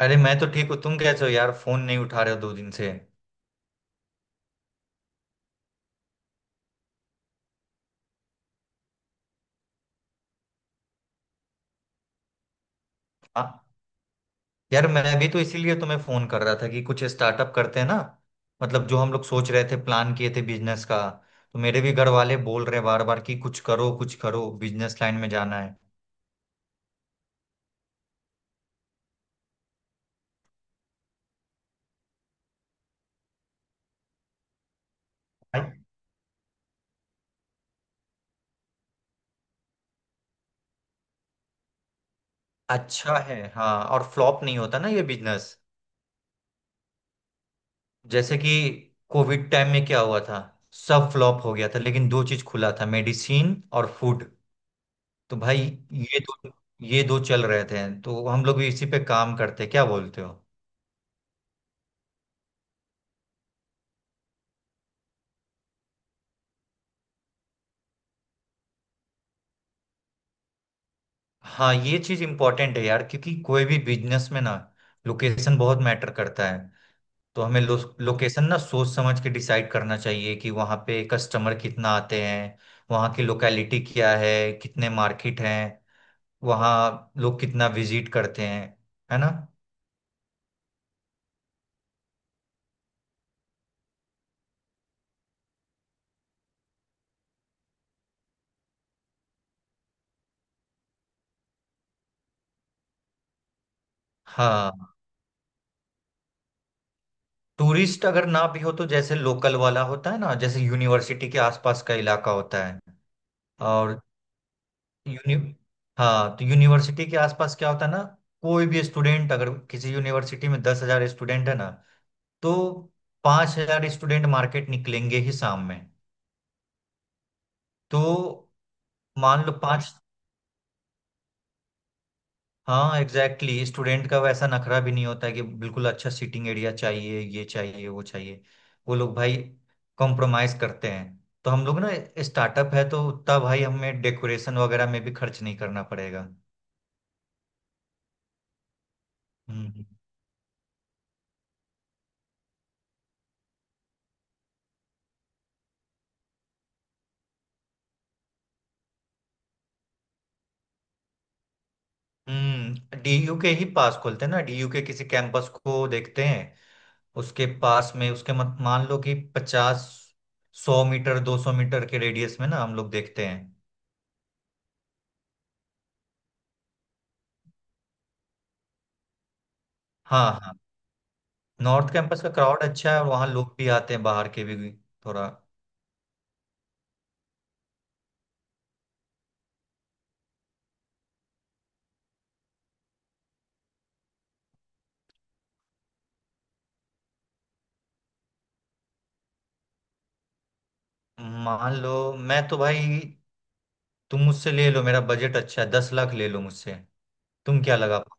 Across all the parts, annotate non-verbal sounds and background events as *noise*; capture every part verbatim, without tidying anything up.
अरे मैं तो ठीक हूँ। तुम कैसे हो यार? फोन नहीं उठा रहे हो दो दिन से। हाँ यार, मैं भी तो इसीलिए तुम्हें फोन कर रहा था कि कुछ स्टार्टअप करते हैं ना। मतलब जो हम लोग सोच रहे थे, प्लान किए थे बिजनेस का। तो मेरे भी घर वाले बोल रहे बार बार कि कुछ करो कुछ करो, बिजनेस लाइन में जाना है। भाई, अच्छा है हाँ, और फ्लॉप नहीं होता ना ये बिजनेस। जैसे कि कोविड टाइम में क्या हुआ था, सब फ्लॉप हो गया था, लेकिन दो चीज खुला था, मेडिसिन और फूड। तो भाई ये दो ये दो चल रहे थे, तो हम लोग भी इसी पे काम करते। क्या बोलते हो? हाँ, ये चीज इम्पोर्टेंट है यार, क्योंकि कोई भी बिजनेस में ना लोकेशन बहुत मैटर करता है। तो हमें लो, लोकेशन ना सोच समझ के डिसाइड करना चाहिए कि वहाँ पे कस्टमर कितना आते हैं, वहाँ की लोकेलिटी क्या है, कितने मार्केट हैं, वहाँ लोग कितना विजिट करते हैं। है ना। हाँ, टूरिस्ट अगर ना भी हो तो जैसे लोकल वाला होता है ना, जैसे यूनिवर्सिटी के आसपास का इलाका होता है। और यूनि हाँ, तो यूनिवर्सिटी के आसपास क्या होता है ना, कोई भी स्टूडेंट, अगर किसी यूनिवर्सिटी में दस हजार स्टूडेंट है ना, तो पांच हजार स्टूडेंट मार्केट निकलेंगे ही शाम में। तो मान लो पांच। हाँ एग्जैक्टली exactly, स्टूडेंट का वैसा नखरा भी नहीं होता है कि बिल्कुल अच्छा सीटिंग एरिया चाहिए, ये चाहिए वो चाहिए। वो लोग भाई कॉम्प्रोमाइज करते हैं। तो हम लोग ना, स्टार्टअप है, तो उतना भाई हमें डेकोरेशन वगैरह में भी खर्च नहीं करना पड़ेगा। हम्म। हम्म, डीयू के ही पास खोलते हैं ना, डीयू के किसी कैंपस को देखते हैं। उसके पास में, उसके मत मान लो कि पचास, सौ मीटर, दो सौ मीटर के रेडियस में ना हम लोग देखते हैं। हाँ हाँ, नॉर्थ कैंपस का क्राउड अच्छा है, और वहाँ लोग भी आते हैं बाहर के भी, थोड़ा। मान लो, मैं तो भाई, तुम मुझसे ले लो, मेरा बजट अच्छा है, दस लाख ले लो मुझसे। तुम क्या लगा पाओ?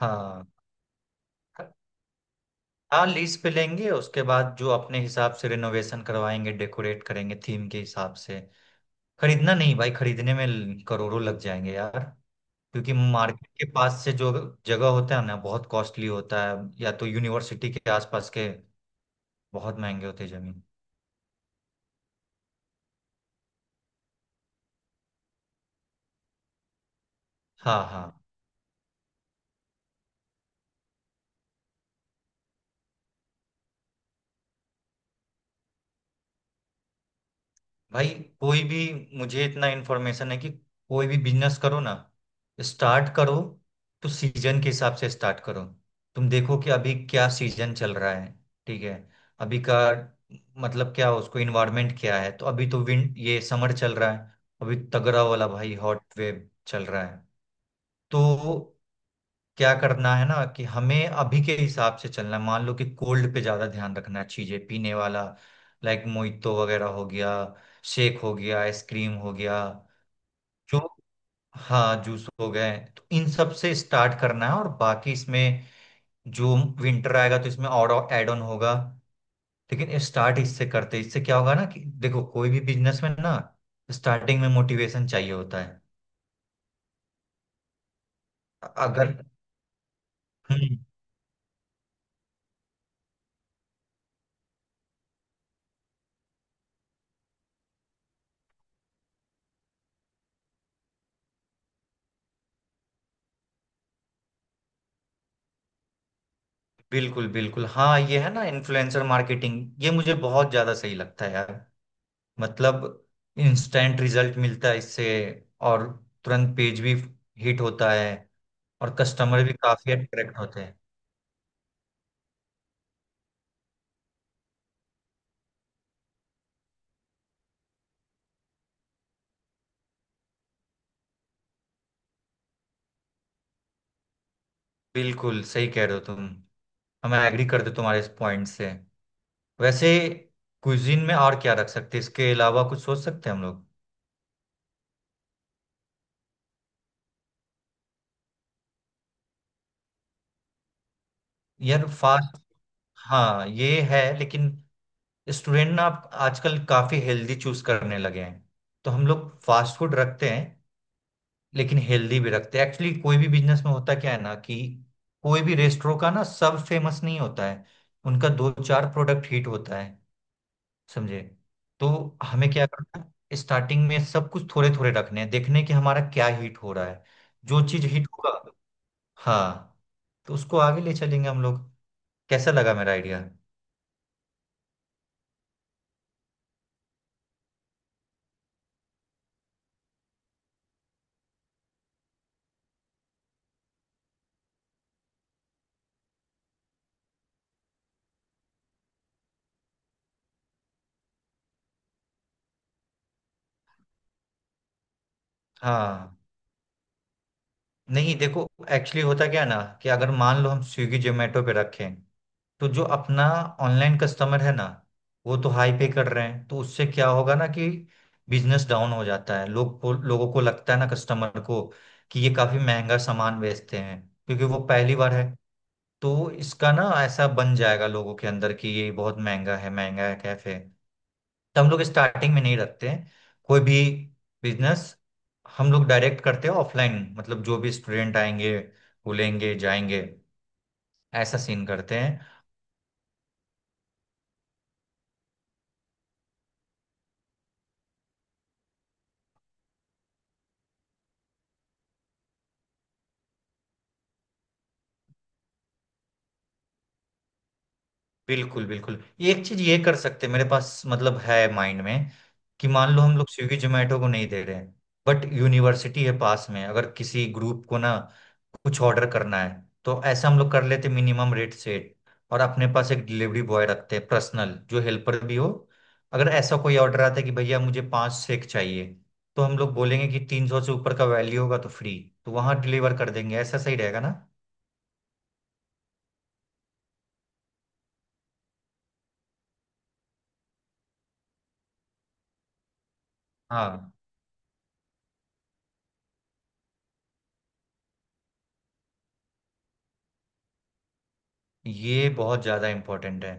हाँ हाँ, लीज पे लेंगे, उसके बाद जो अपने हिसाब से रिनोवेशन करवाएंगे, डेकोरेट करेंगे थीम के हिसाब से। खरीदना नहीं भाई, खरीदने में करोड़ों लग जाएंगे यार। क्योंकि मार्केट के पास से जो जगह होता है ना, बहुत कॉस्टली होता है। या तो यूनिवर्सिटी के आसपास के बहुत महंगे होते हैं जमीन। हाँ हाँ। भाई कोई भी, मुझे इतना इन्फॉर्मेशन है कि कोई भी बिजनेस करो ना, स्टार्ट करो तो सीजन के हिसाब से स्टार्ट करो। तुम देखो कि अभी क्या सीजन चल रहा है, ठीक है? अभी का मतलब क्या, उसको इन्वायरमेंट क्या है। तो अभी तो विंड ये समर चल रहा है, अभी तगड़ा वाला भाई, हॉट वेव चल रहा है। तो क्या करना है ना कि हमें अभी के हिसाब से चलना है। मान लो कि कोल्ड पे ज्यादा ध्यान रखना है, चीजें पीने वाला, लाइक मोइतो वगैरह हो गया, शेक हो गया, आइसक्रीम हो गया, जो, हाँ जूस हो गए। तो इन सब से स्टार्ट करना है, और बाकी इसमें जो विंटर आएगा तो इसमें और एड ऑन होगा। लेकिन स्टार्ट इससे करते, इससे क्या होगा ना कि देखो, कोई भी बिजनेस में ना स्टार्टिंग में मोटिवेशन चाहिए होता है। अगर। हम्म। बिल्कुल बिल्कुल हाँ, ये है ना इन्फ्लुएंसर मार्केटिंग, ये मुझे बहुत ज्यादा सही लगता है यार। मतलब इंस्टेंट रिजल्ट मिलता है इससे, और तुरंत पेज भी हिट होता है। और कस्टमर भी काफी अट्रैक्ट होते हैं। बिल्कुल सही कह रहे हो तुम। हम एग्री करते तुम्हारे इस पॉइंट से। वैसे कुजीन में और क्या रख सकते हैं? इसके अलावा कुछ सोच सकते हैं हम लोग? यार फास्ट, हाँ ये है, लेकिन स्टूडेंट ना आप आजकल काफी हेल्दी चूज करने लगे हैं। तो हम लोग फास्ट फूड रखते हैं, लेकिन हेल्दी भी रखते हैं। एक्चुअली कोई भी बिजनेस में होता क्या है ना कि कोई भी रेस्टोरेंट का ना, सब फेमस नहीं होता है। उनका दो चार प्रोडक्ट हिट होता है। समझे? तो हमें क्या करना है, स्टार्टिंग में सब कुछ थोड़े थोड़े रखने हैं, देखने कि हमारा क्या हिट हो रहा है। जो चीज हिट होगा, हाँ, तो उसको आगे ले चलेंगे हम लोग। कैसा लगा मेरा आइडिया? हाँ, नहीं देखो, एक्चुअली होता क्या है ना कि अगर मान लो हम स्विगी जोमेटो पे रखें, तो जो अपना ऑनलाइन कस्टमर है ना, वो तो हाई पे कर रहे हैं। तो उससे क्या होगा ना कि बिजनेस डाउन हो जाता है। लोग को लोगों को लगता है ना, कस्टमर को कि ये काफी महंगा सामान बेचते हैं, क्योंकि वो पहली बार है। तो इसका ना ऐसा बन जाएगा लोगों के अंदर कि ये बहुत महंगा है, महंगा है कैफे। तो हम लोग स्टार्टिंग में नहीं रखते हैं कोई भी बिजनेस। हम लोग डायरेक्ट करते हैं ऑफलाइन, मतलब जो भी स्टूडेंट आएंगे वो लेंगे जाएंगे, ऐसा सीन करते हैं। बिल्कुल बिल्कुल, ये एक चीज ये कर सकते हैं, मेरे पास मतलब है माइंड में कि मान लो हम लोग स्विगी जोमेटो को नहीं दे रहे हैं, बट यूनिवर्सिटी है पास में, अगर किसी ग्रुप को ना कुछ ऑर्डर करना है, तो ऐसा हम लोग कर लेते, मिनिमम रेट सेट। और अपने पास एक डिलीवरी बॉय रखते हैं पर्सनल, जो हेल्पर भी हो। अगर ऐसा कोई ऑर्डर आता है कि भैया मुझे पाँच सेक चाहिए, तो हम लोग बोलेंगे कि तीन सौ से ऊपर का वैल्यू होगा तो फ्री, तो वहां डिलीवर कर देंगे। ऐसा सही रहेगा ना? हाँ, ये बहुत ज्यादा इम्पोर्टेंट है।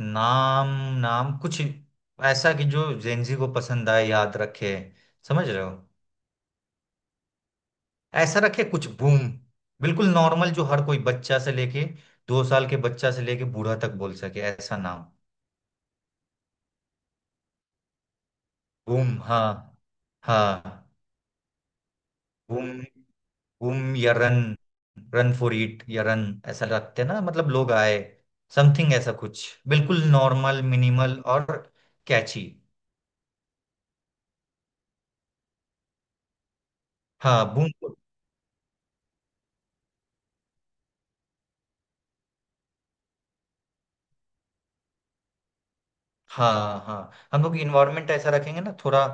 नाम नाम कुछ ऐसा कि जो जेंजी को पसंद आए, याद रखे, समझ रहे हो? ऐसा रखे कुछ, बूम। बिल्कुल नॉर्मल, जो हर कोई बच्चा से लेके, दो साल के बच्चा से लेके बूढ़ा तक बोल सके, ऐसा नाम। बूम। हाँ हाँ। बूम, बूम या रन, रन फॉर इट या रन। ऐसा रखते ना, मतलब लोग आए, समथिंग ऐसा कुछ बिल्कुल नॉर्मल, मिनिमल और कैची। हाँ बूम। हाँ हाँ, हम लोग इन्वायरमेंट ऐसा रखेंगे ना थोड़ा,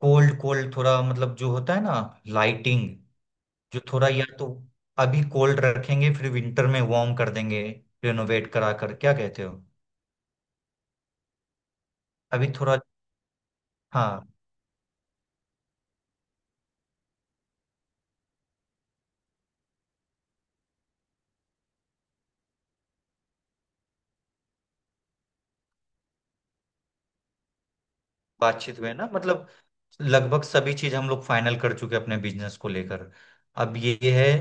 कोल्ड कोल्ड थोड़ा, मतलब जो होता है ना लाइटिंग, जो थोड़ा, या तो अभी कोल्ड रखेंगे, फिर विंटर में वार्म कर देंगे, रिनोवेट करा कर। क्या कहते हो? अभी थोड़ा, हाँ। बातचीत हुई है ना, मतलब लगभग सभी चीज हम लोग फाइनल कर चुके हैं अपने बिजनेस को लेकर। अब ये ये है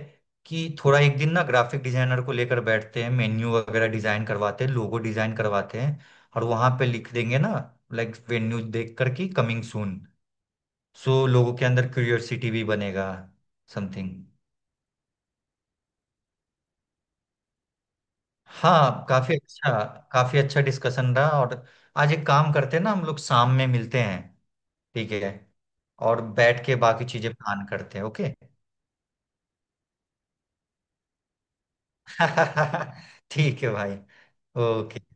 कि थोड़ा एक दिन ना ग्राफिक डिजाइनर को लेकर बैठते हैं, मेन्यू वगैरह डिजाइन करवाते हैं, लोगो डिजाइन करवाते हैं। और वहां पे लिख देंगे ना, लाइक वेन्यू देख कर कि कमिंग सून। सो लोगों के अंदर क्यूरियोसिटी भी बनेगा, समथिंग। हाँ, काफी अच्छा, काफी अच्छा डिस्कशन रहा। और आज एक काम करते हैं ना, हम लोग शाम में मिलते हैं। ठीक है? और बैठ के बाकी चीजें प्लान करते हैं। ओके *laughs* ठीक है भाई। ओके।